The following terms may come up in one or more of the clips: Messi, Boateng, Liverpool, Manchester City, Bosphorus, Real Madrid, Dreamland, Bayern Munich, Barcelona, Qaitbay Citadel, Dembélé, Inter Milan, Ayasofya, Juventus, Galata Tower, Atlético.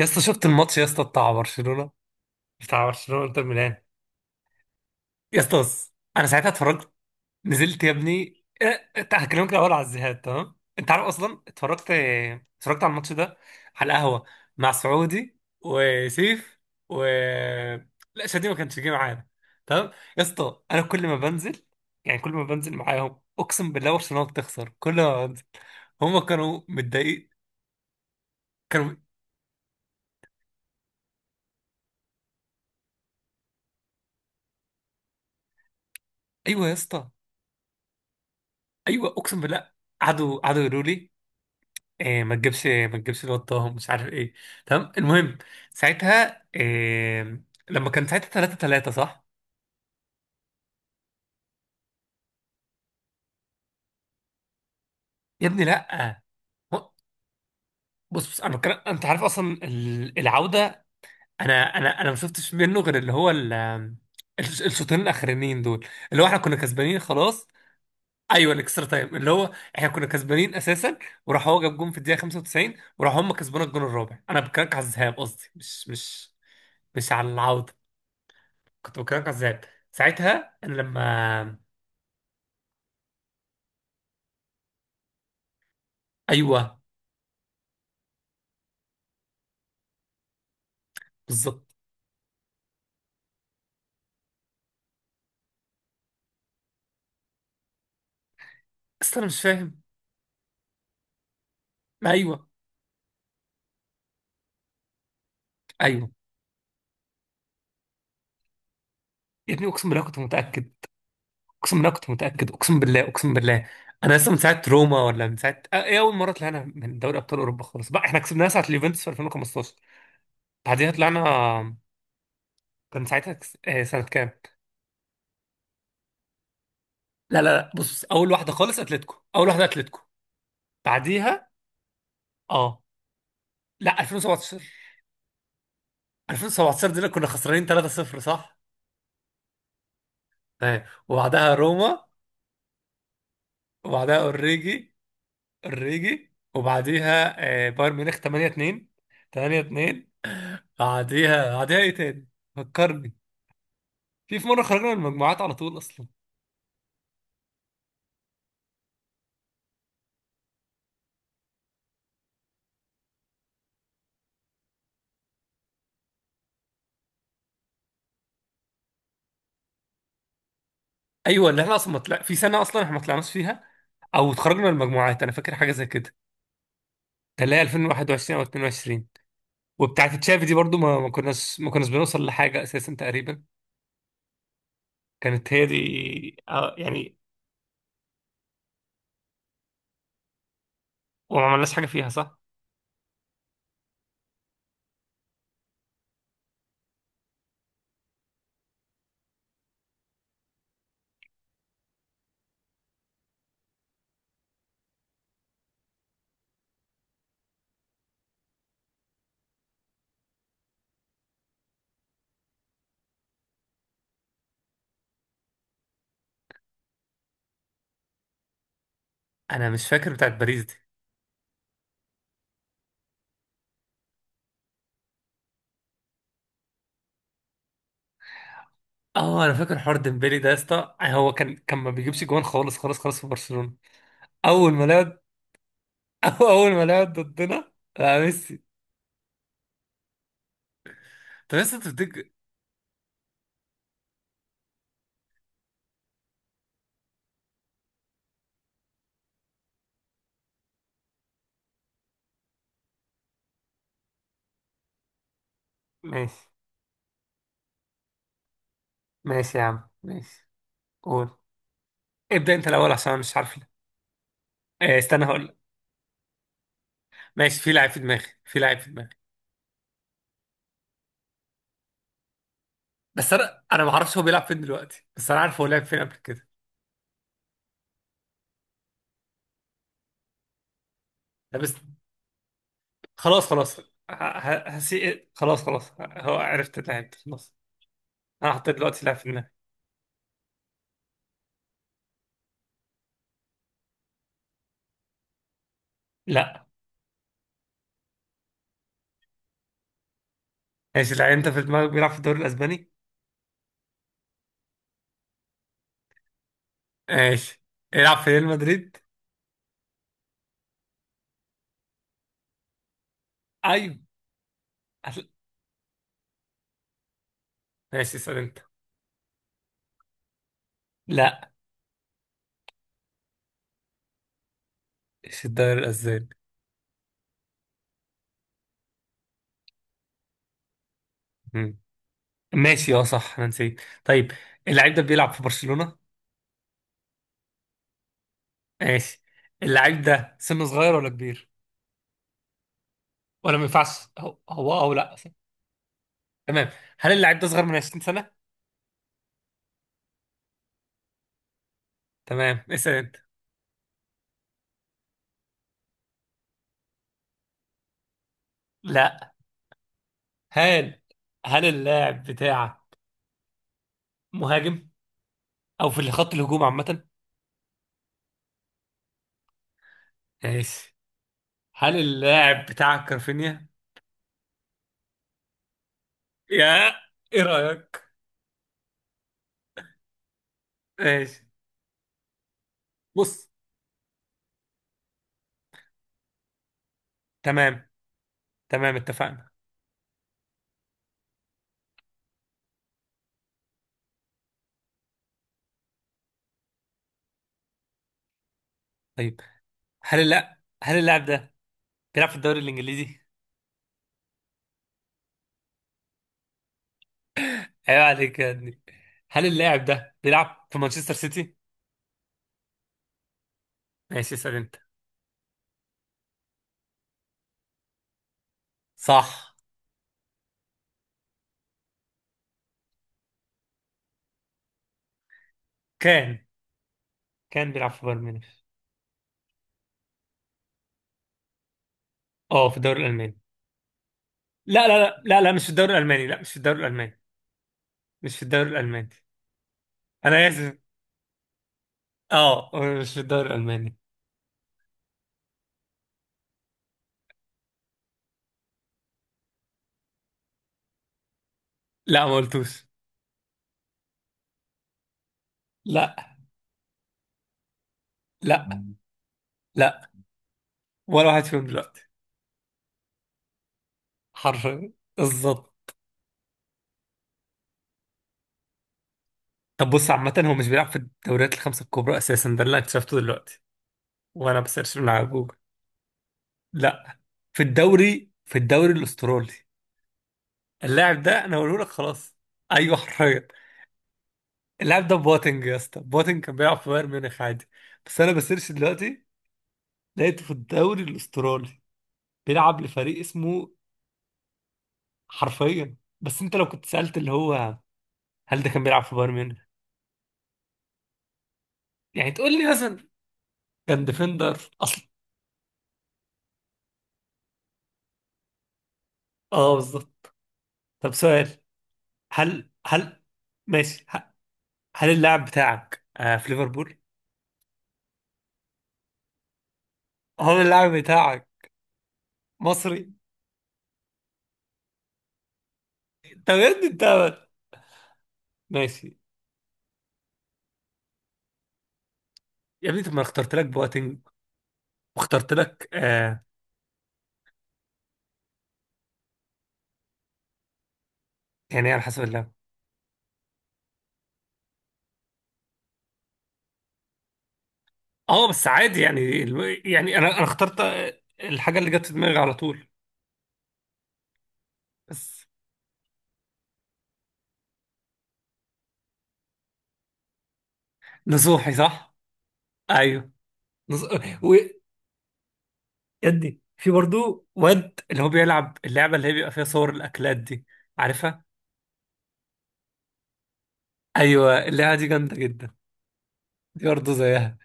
يا اسطى شفت الماتش؟ يا اسطى بتاع برشلونه، بتاع برشلونه انتر ميلان. يا اسطى بص، انا ساعتها اتفرجت. نزلت يا ابني، انت هكلمك الاول على الذهاب، تمام؟ انت عارف اصلا اتفرجت، اتفرجت على الماتش ده على القهوه مع سعودي وسيف و... لا، شادي ما كانش جه معانا. تمام. يا اسطى انا كل ما بنزل، يعني كل ما بنزل معاهم اقسم بالله برشلونه بتخسر، كل ما بنزل. هم كانوا متضايقين، كانوا. ايوه يا اسطى، ايوه اقسم بالله. قعدوا قعدوا يقولوا لي إيه، ما تجيبش ما تجيبش الواد طه، مش عارف ايه. تمام، المهم، ساعتها إيه؟ لما كان ساعتها 3-3، صح؟ يا ابني لا. هو- بص بص، انا بتكلم انت عارف اصلا العوده. انا ما شفتش منه غير اللي هو الشوطين الاخرانيين دول، اللي هو احنا كنا كسبانين خلاص. ايوه الاكسترا تايم، اللي هو احنا كنا كسبانين اساسا، وراح هو جاب جون في الدقيقه 95، وراح هم كسبونا الجون الرابع. انا بكلمك على الذهاب، قصدي مش على العوده، كنت بكلام كذاب ساعتها، انا لما... ايوه بالظبط. بس انا مش فاهم. ما ايوه. ايوه يا ابني، اقسم بالله كنت متاكد، اقسم بالله كنت متاكد، اقسم بالله، اقسم بالله. انا لسه من ساعه روما، ولا من ساعه ايه، اول مره طلعنا من دوري ابطال اوروبا خالص بقى، احنا كسبناها ساعه اليوفنتوس في 2015. بعديها طلعنا، كان ساعتها كس... آه، سنه كام؟ لا لا لا بص، اول واحده خالص اتلتيكو، اول واحده اتلتيكو. بعديها اه. لا 2017، 2017 دي اللي كنا خسرانين 3-0، صح؟ تمام، وبعدها روما، وبعدها اوريجي، اوريجي. وبعديها بايرن ميونخ 8-2. 8-2. بعديها بعديها ايه تاني؟ فكرني. في مره خرجنا من المجموعات على طول اصلا. ايوه، اللي احنا اصلا ما طلع في سنه اصلا، احنا ما طلعناش فيها، او اتخرجنا من المجموعات. انا فاكر حاجه زي كده، كان اللي هي 2021 او 22. وبتاعه تشافي دي برضو ما كناش بنوصل لحاجه اساسا تقريبا، كانت هي دي. يعني وما عملناش حاجه فيها، صح. انا مش فاكر بتاعه باريس دي. اه انا فاكر حوار ديمبلي ده يا اسطى، هو كان ما بيجيبش جوان خالص خالص خالص في برشلونة. اول ما لعب. اول ما لعب ضدنا. لا ميسي. طب لسه تفتكر؟ ماشي ماشي يا عم، ماشي. قول، ابدأ انت الاول عشان انا مش عارف. إيه استنى، هقول لك. ماشي، في لاعب في دماغي، في لاعب في دماغي. بس انا ما اعرفش هو بيلعب فين دلوقتي، بس انا عارف هو لعب فين قبل كده. لا بس، خلاص خلاص، هسي إيه؟ خلاص خلاص، هو عرفت اللاعب، خلاص. انا حطيت دلوقتي لاعب في دماغي. لا. ماشي، لا انت في دماغك بيلعب في الدوري الاسباني. ماشي، يلعب في ريال مدريد. ايوه. هتل- ماشي، اسال انت. لا، مش الدوري الاسباني. مم. ماشي اه صح، انا نسيت. طيب اللعيب ده بيلعب في برشلونة. ماشي، اللعيب ده سنه صغير ولا كبير؟ ولا ما ينفعش؟ هو هو او لا؟ تمام. هل اللاعب ده صغير من 20 سنة؟ تمام، اسال انت. لا. هل هل اللاعب بتاعك مهاجم، او في خط الهجوم عامة؟ ماشي، هل اللاعب بتاعك كرفينيا؟ يا ايه رأيك؟ ماشي. بص. تمام تمام، اتفقنا. طيب. هل اللاعب ده بيلعب في الدوري الانجليزي؟ ايوه عليك يا ابني. هل اللاعب ده بيلعب في مانشستر سيتي؟ ماشي اسال انت. صح. كان، بيلعب في بايرن ميونخ. اه، في الدوري الالماني. لا لا لا لا لا، مش في الدوري الالماني. لا، مش في الدوري الالماني، مش في الدوري الالماني. انا اسف، اه، هو مش في الدوري الالماني. لا، ما قلتوش. لا. لا. لا، ولا واحد فيهم دلوقتي. حرفيا، بالظبط. طب بص، عامة هو مش بيلعب في الدوريات الخمسة الكبرى أساسا، ده اللي أنا اكتشفته دلوقتي وأنا بسيرش من على جوجل. لا، في الدوري، في الدوري الأسترالي. اللاعب ده أنا بقوله لك، خلاص. أيوه حرفيا. اللاعب ده بوتنج يا اسطى، بوتنج كان بيلعب في بايرن ميونخ عادي، بس أنا بسيرش دلوقتي لقيته في الدوري الأسترالي بيلعب لفريق اسمه... حرفيا. بس أنت لو كنت سألت اللي هو هل ده كان بيلعب في بايرن ميونخ؟ يعني تقول لي مثلا كان ديفندر أصلا. أه بالظبط. طب سؤال. هل ماشي هل اللاعب بتاعك في ليفربول؟ هل اللاعب بتاعك مصري؟ طب يا ابني انت. ماشي. يا ابني طب ما أنا اخترت لك بواتينج واخترت لك آه. يعني إيه على حسب اللاعب؟ اه بس عادي يعني يعني انا اخترت الحاجه اللي جت في دماغي على طول. بس نصوحي، صح؟ ايوه. نص... و... يا ابني، في برضو واد اللي هو بيلعب اللعبه اللي هي بيبقى فيها صور الاكلات دي، عارفها؟ ايوه اللعبه دي جامده جدا. دي برضه زيها،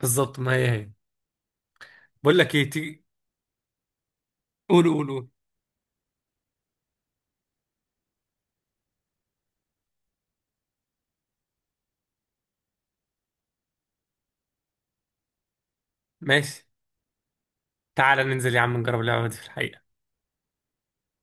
بالظبط، ما هي هي. بقول لك ايه، تيجي قول قول قول ماشي، تعالى ننزل يا عم نجرب اللعبة دي في الحقيقة.